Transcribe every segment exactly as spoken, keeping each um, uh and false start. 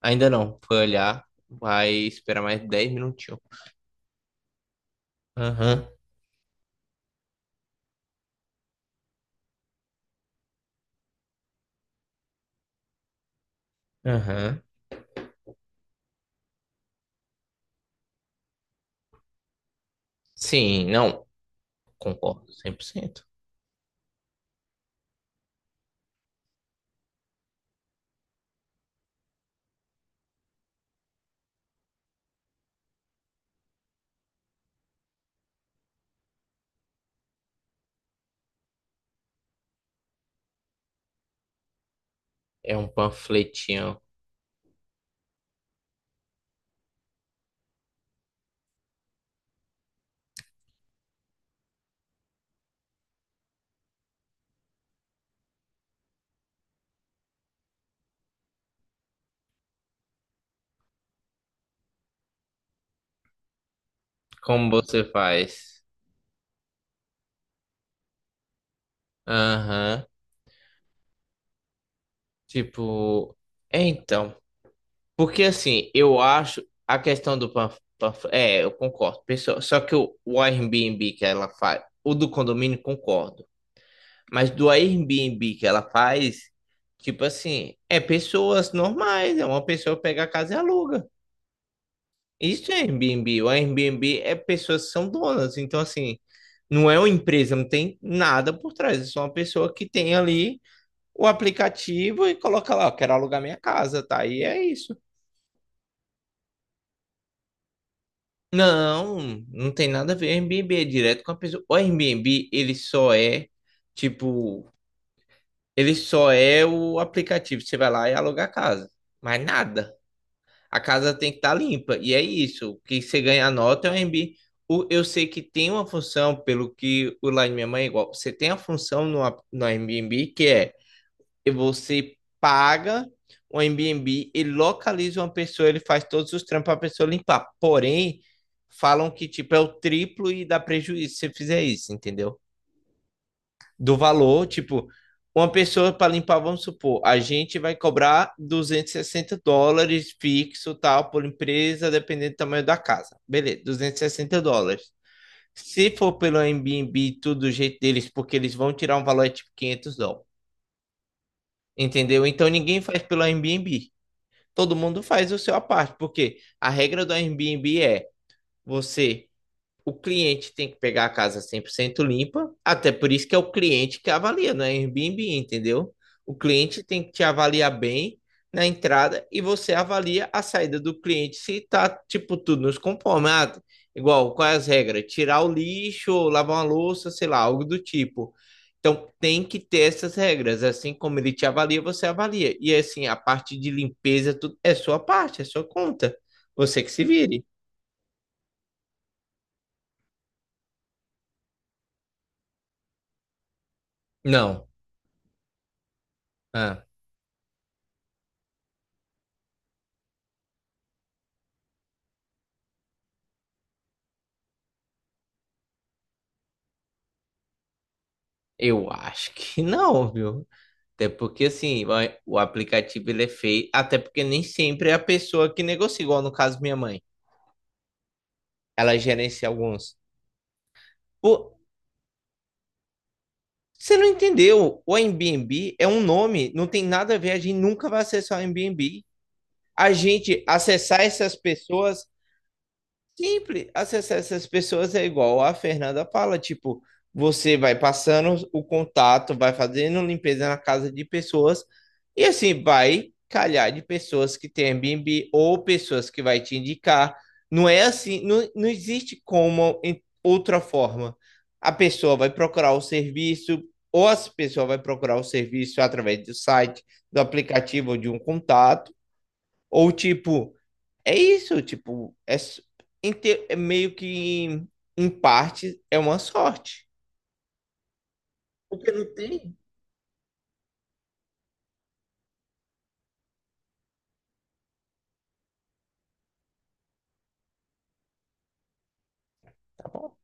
Ainda não. Foi olhar. Vai esperar mais dez minutinhos. Aham, aham. Sim, não. Concordo cem por cento. É um panfletinho. Como você faz? Aham. Tipo, é então. Porque assim, eu acho a questão do pan, panf- é, eu concordo, pessoal. Só que o, o Airbnb que ela faz, o do condomínio, concordo. Mas do Airbnb que ela faz, tipo assim, é pessoas normais, é uma pessoa pega a casa e aluga. Isso é Airbnb. O Airbnb é pessoas que são donas. Então, assim, não é uma empresa, não tem nada por trás. É só uma pessoa que tem ali o aplicativo e coloca lá, "Ó, quero alugar minha casa, tá? E é isso." Não, não tem nada a ver. Airbnb é direto com a pessoa. O Airbnb, ele só é, tipo, ele só é o aplicativo. Você vai lá e aluga a casa. Mas nada. A casa tem que estar limpa. E é isso. O que você ganha a nota é o Airbnb. O- eu sei que tem uma função, pelo que o lá de minha mãe é igual. Você tem a função no, ap- no Airbnb que é e você paga o Airbnb e localiza uma pessoa, ele faz todos os trampos para a pessoa limpar. Porém, falam que tipo é o triplo e dá prejuízo se você fizer isso, entendeu? Do valor, tipo, uma pessoa para limpar, vamos supor, a gente vai cobrar duzentos e sessenta dólares fixo, tal, por empresa, dependendo do tamanho da casa. Beleza, duzentos e sessenta dólares. Se for pelo Airbnb, tudo do jeito deles, porque eles vão tirar um valor é tipo quinhentos dólares. Entendeu? Então ninguém faz pelo Airbnb. Todo mundo faz o seu à parte, porque a regra do Airbnb é você o cliente tem que pegar a casa cem por cento limpa, até por isso que é o cliente que avalia, não é Airbnb, entendeu? O cliente tem que te avaliar bem na entrada e você avalia a saída do cliente se tá, tipo, tudo nos conforme. Ah, igual, quais as regras? Tirar o lixo, lavar uma louça, sei lá, algo do tipo. Então, tem que ter essas regras. Assim como ele te avalia, você avalia. E assim, a parte de limpeza, tudo é sua parte, é sua conta. Você que se vire. Não. Ah. Eu acho que não, viu? Até porque, assim, vai- o aplicativo ele é feio. Até porque nem sempre é a pessoa que negocia, igual no caso minha mãe. Ela gerencia alguns. Pô, você não entendeu? O Airbnb é um nome, não tem nada a ver. A gente nunca vai acessar o Airbnb. A gente acessar essas pessoas. Simples. Acessar essas pessoas é igual a Fernanda fala, tipo, você vai passando o contato, vai fazendo limpeza na casa de pessoas e assim vai calhar de pessoas que tem Airbnb ou pessoas que vai te indicar. Não é assim, não, não existe como em outra forma. A pessoa vai procurar o serviço ou a pessoa vai procurar o serviço através do site, do aplicativo ou de um contato, ou tipo é isso, tipo, é, s- inte- é meio que em parte é uma sorte. Porque não tem, tá bom?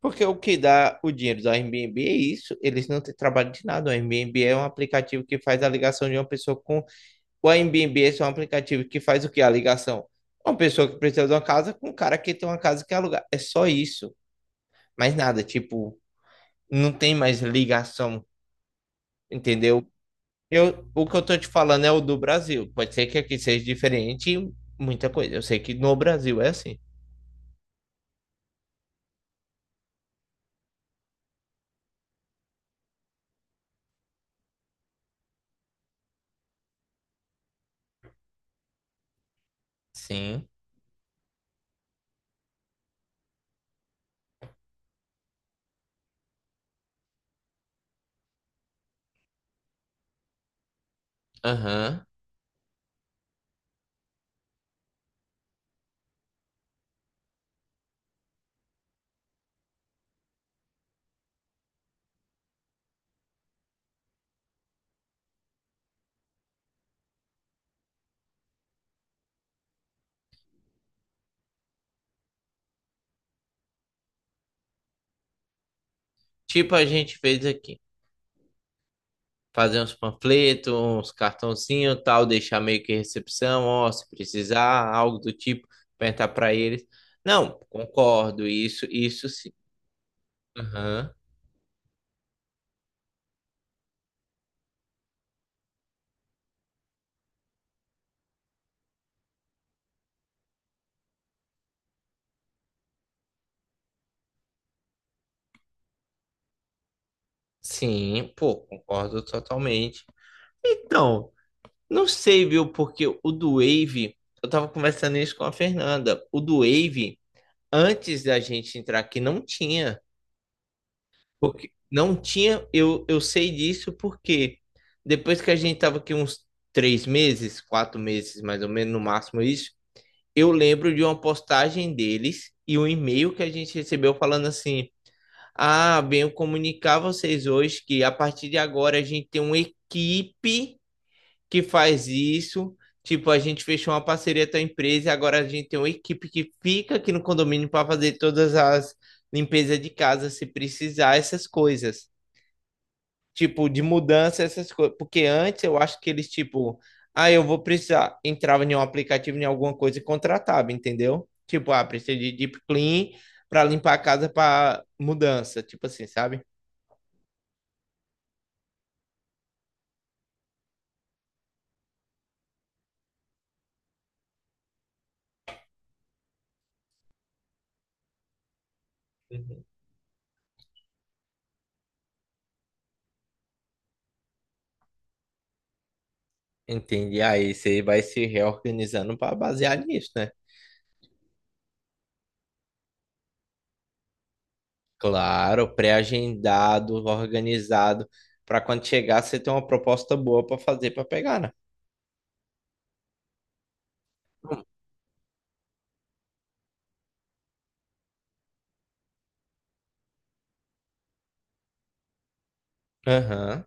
Porque o que dá o dinheiro do Airbnb é isso, eles não têm trabalho de nada. O Airbnb é um aplicativo que faz a ligação de uma pessoa com. O Airbnb é só um aplicativo que faz o que? A ligação. Uma pessoa que precisa de uma casa com um cara que tem uma casa que alugar. É só isso. Mais nada, tipo, não tem mais ligação, entendeu? Eu, o que eu tô te falando é o do Brasil. Pode ser que aqui seja diferente em muita coisa. Eu sei que no Brasil é assim. Sim. Aham. Tipo a gente fez aqui. Fazer uns panfletos, uns cartãozinhos, tal, deixar meio que recepção, ó, se precisar, algo do tipo, perguntar pra eles. Não, concordo, isso, isso sim. Aham. Sim, pô, concordo totalmente. Então, não sei, viu, porque o do Wave, eu tava conversando isso com a Fernanda. O do Wave antes da gente entrar aqui não tinha. Porque não tinha, eu, eu sei disso porque depois que a gente estava aqui uns três meses, quatro meses, mais ou menos, no máximo isso, eu lembro de uma postagem deles e um e-mail que a gente recebeu falando assim: Ah, venho comunicar a vocês hoje que a partir de agora a gente tem uma equipe que faz isso. Tipo, a gente fechou uma parceria com a empresa e agora a gente tem uma equipe que fica aqui no condomínio para fazer todas as limpezas de casa, se precisar, essas coisas. Tipo, de mudança, essas coisas. Porque antes eu acho que eles, tipo, ah, eu vou precisar. Entrava em um aplicativo, em alguma coisa e contratava, entendeu? Tipo, ah, precisa de deep clean para limpar a casa para mudança, tipo assim, sabe? Uhum. Entendi. Aí você vai se reorganizando para basear nisso, né? Claro, pré-agendado, organizado, para quando chegar você ter uma proposta boa para fazer para pegar, né? Aham.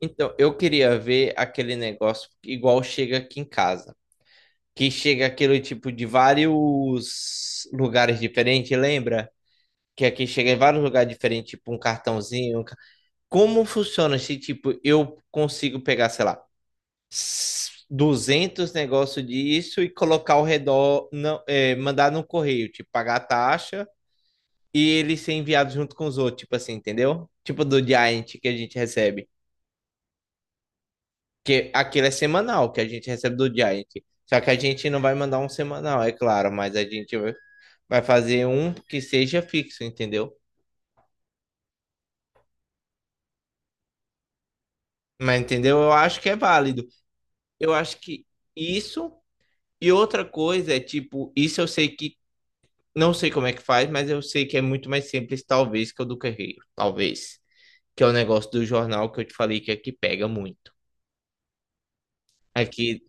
Então, eu queria ver aquele negócio igual chega aqui em casa, que chega aquele tipo de vários lugares diferentes, lembra? Que aqui chega em vários lugares diferentes, tipo um cartãozinho. um ca- Como funciona se, tipo, eu consigo pegar, sei lá, duzentos negócio disso e colocar ao redor, não, é, mandar no correio, tipo, pagar a taxa e ele ser enviado junto com os outros, tipo assim, entendeu? Tipo do Giant que a gente recebe. Que aquilo é semanal que a gente recebe do Giant. Só que a gente não vai mandar um semanal, é claro, mas a gente vai fazer um que seja fixo, entendeu? Mas entendeu? Eu acho que é válido. Eu acho que isso e outra coisa é tipo, isso eu sei que não sei como é que faz, mas eu sei que é muito mais simples, talvez, que o do Correio. Talvez. Que é o negócio do jornal que eu te falei que aqui pega muito. Aqui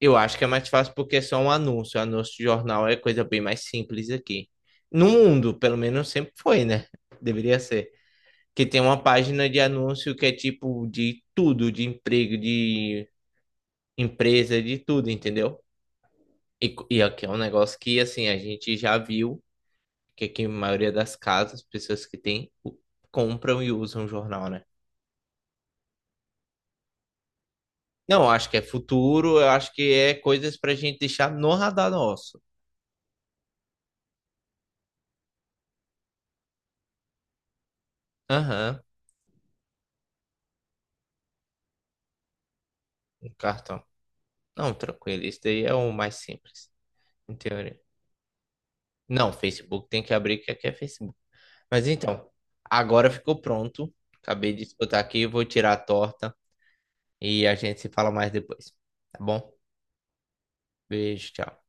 eu acho que é mais fácil porque é só um anúncio. O anúncio de jornal é coisa bem mais simples aqui. No mundo, pelo menos sempre foi, né? Deveria ser. Que tem uma página de anúncio que é tipo de tudo, de emprego, de empresa, de tudo, entendeu? E, e aqui é um negócio que, assim, a gente já viu que aqui a maioria das casas, pessoas que têm, u- compram e usam jornal, né? Não, eu acho que é futuro, eu acho que é coisas pra gente deixar no radar nosso. Aham, um cartão. Não, tranquilo, isso daí é o mais simples, em teoria. Não, Facebook tem que abrir, que aqui é Facebook. Mas então, agora ficou pronto. Acabei de escutar aqui, vou tirar a torta e a gente se fala mais depois, tá bom? Beijo, tchau.